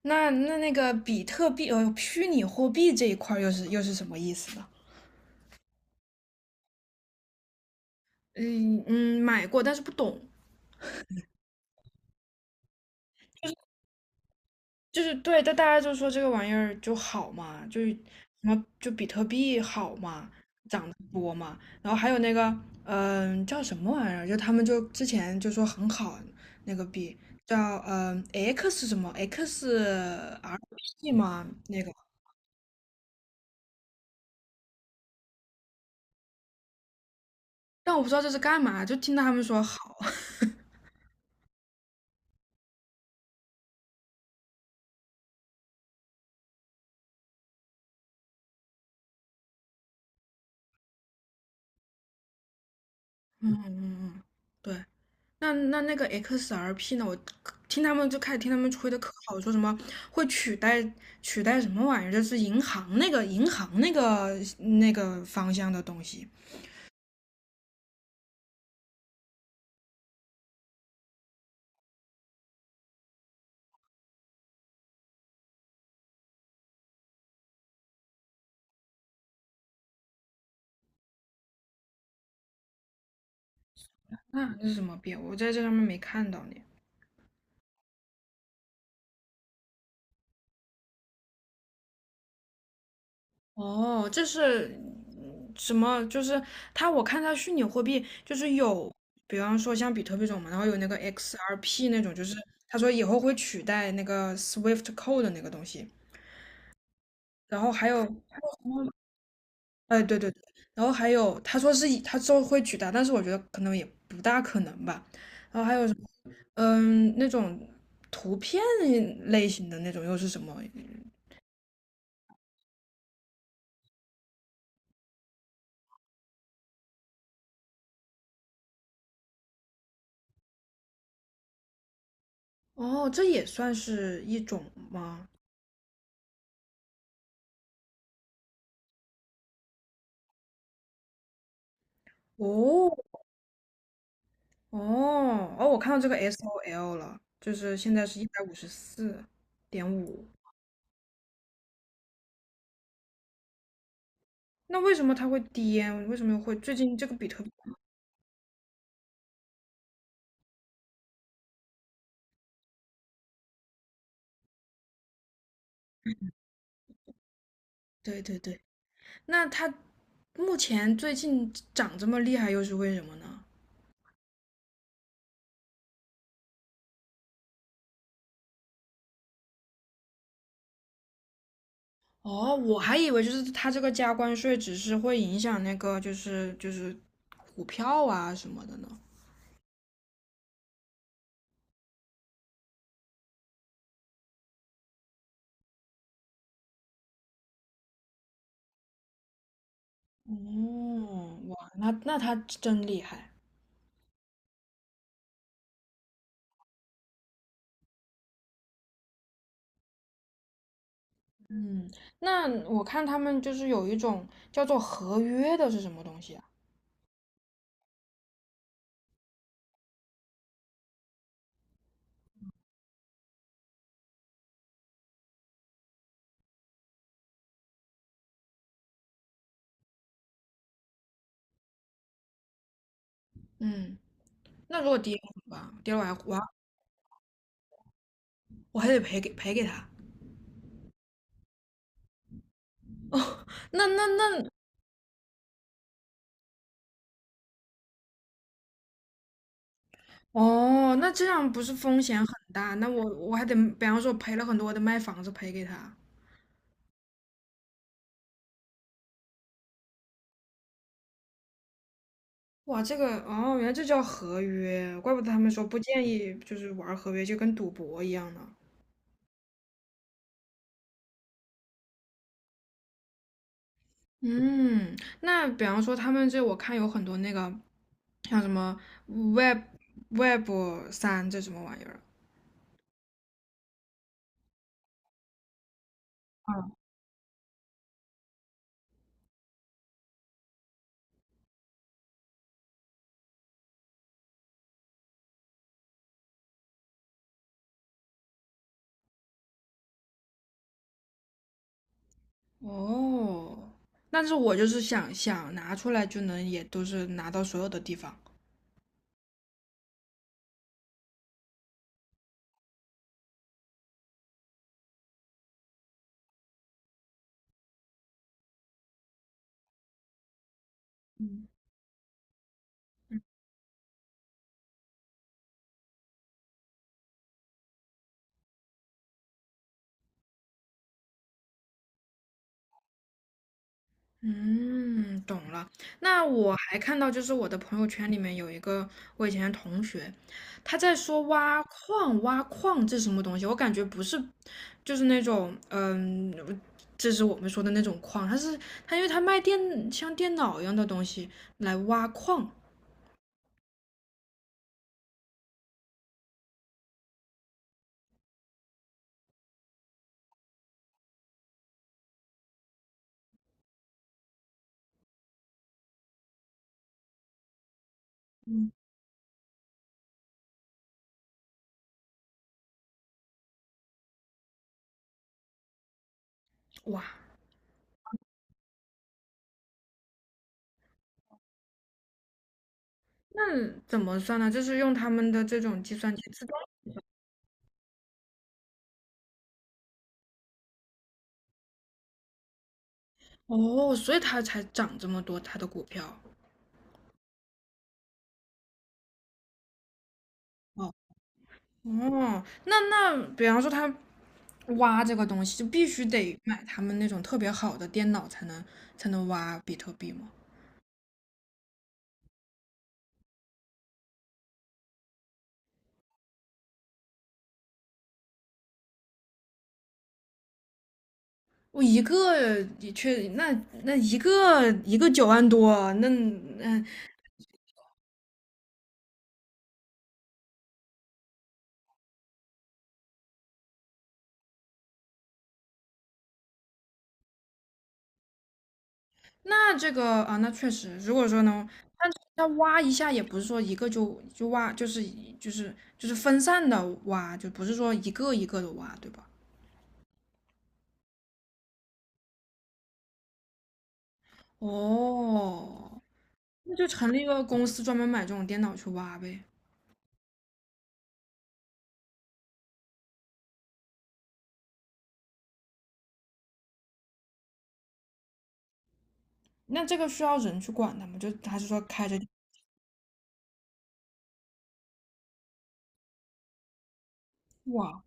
那个比特币虚拟货币这一块儿又是什么意思呢？嗯嗯，买过但是不懂，就是对，但大家就说这个玩意儿就好嘛，就是什么就比特币好嘛，涨得多嘛，然后还有那个叫什么玩意儿，就他们就之前就说很好那个币叫嗯、呃 X 什么 XRP 嘛那个，但我不知道这是干嘛，就听到他们说好，嗯嗯嗯，对。那个 XRP 呢？我听他们就开始听他们吹的可好，说什么会取代什么玩意儿？就是银行那个那个方向的东西，那这是什么变？我在这上面没看到呢。哦，这是什么？就是它，我看它虚拟货币就是有，比方说像比特币这种嘛，然后有那个 XRP 那种，就是他说以后会取代那个 Swift Code 的那个东西，然后还有哎，对对对，然后还有他说是以他之后会取代，但是我觉得可能也不大可能吧。然后还有那种图片类型的那种又是什么？哦，这也算是一种吗？哦哦哦，我看到这个 SOL 了，就是现在是154.5，那为什么它会跌？为什么会最近这个比特币？对对对，那它目前最近涨这么厉害又是为什么呢？哦，我还以为就是他这个加关税只是会影响那个就是股票啊什么的呢。哦，哇，那他真厉害。嗯，那我看他们就是有一种叫做合约的是什么东西啊？嗯，那如果跌了怎么办？跌了我还得赔给他。那哦，那这样不是风险很大？那我还得，比方说赔了很多，我得卖房子赔给他。哇，这个哦，原来这叫合约，怪不得他们说不建议就是玩合约，就跟赌博一样呢。嗯，那比方说他们这我看有很多那个像什么 Web Web 三这什么玩意儿嗯，哦，但是我就是想想拿出来就能也都是拿到所有的地方。嗯，懂了。那我还看到，就是我的朋友圈里面有一个我以前的同学，他在说挖矿，挖矿这是什么东西？我感觉不是，就是那种，嗯，这是我们说的那种矿，他是他，因为他卖电像电脑一样的东西来挖矿，哇，那怎么算呢？就是用他们的这种计算机自动，哦，所以它才涨这么多，它的股票。哦。哦，那比方说他挖这个东西，就必须得买他们那种特别好的电脑才能挖比特币吗？我一个也确，那一个一个9万多，那嗯，那这个啊，那确实，如果说能，那挖一下也不是说一个就挖，就是分散的挖，就不是说一个一个的挖，对吧？哦，那就成立一个公司专门买这种电脑去挖呗。那这个需要人去管它吗？就还是说开着就挖？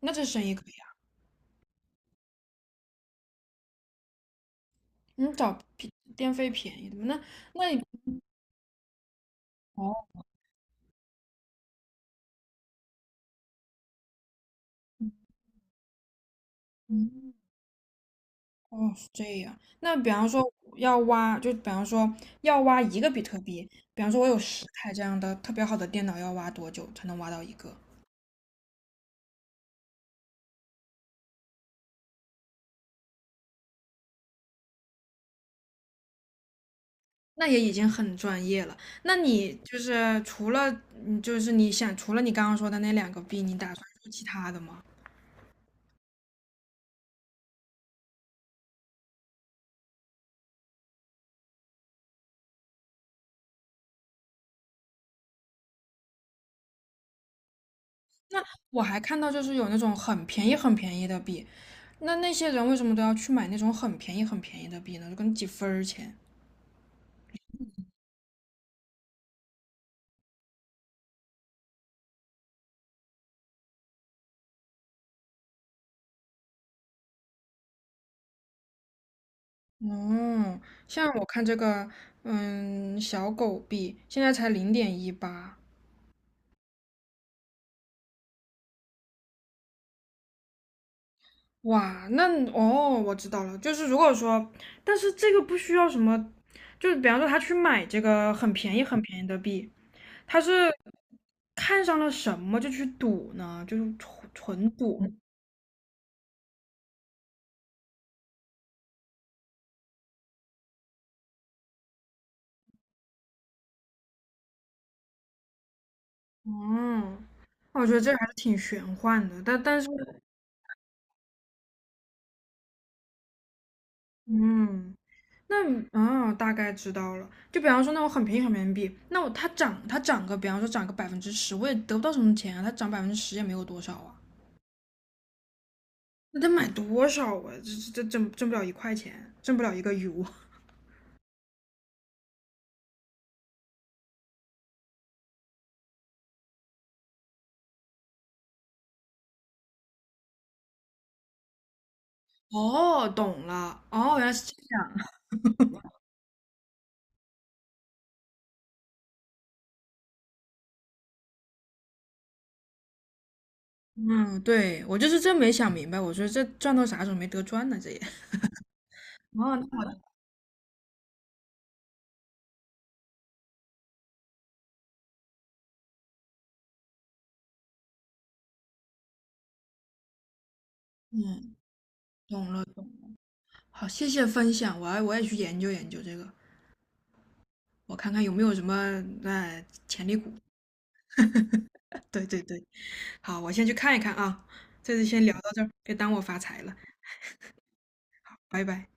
那这生意可以啊，你找电费便宜的嘛？那那你哦，嗯，哦是这样。那比方说要挖，就比方说要挖一个比特币，比方说我有10台这样的特别好的电脑，要挖多久才能挖到一个？那也已经很专业了。那你就是你想除了你刚刚说的那两个币，你打算做其他的吗？我还看到就是有那种很便宜很便宜的币，那那些人为什么都要去买那种很便宜很便宜的币呢？就跟几分儿钱。哦，像我看这个，小狗币现在才0.18，哇，那哦，我知道了，就是如果说，但是这个不需要什么，就是比方说他去买这个很便宜很便宜的币，他是看上了什么就去赌呢？就是纯纯赌。哦，我觉得这还是挺玄幻的，但是，嗯，那哦大概知道了。就比方说，那我很便宜很便宜币，那我它涨，它涨个，比方说涨个百分之十，我也得不到什么钱啊，它涨百分之十也没有多少啊，那得买多少啊？这挣不了1块钱，挣不了一个 U。哦，懂了，哦，原来是这样。嗯，对，我就是真没想明白，我觉得这赚到啥时候没得赚呢？这也。哦，那嗯，懂了，好，谢谢分享，我也去研究研究这个。我看看有没有什么潜力股。对对对，好，我先去看一看啊。这次先聊到这儿，别耽误我发财了，拜拜。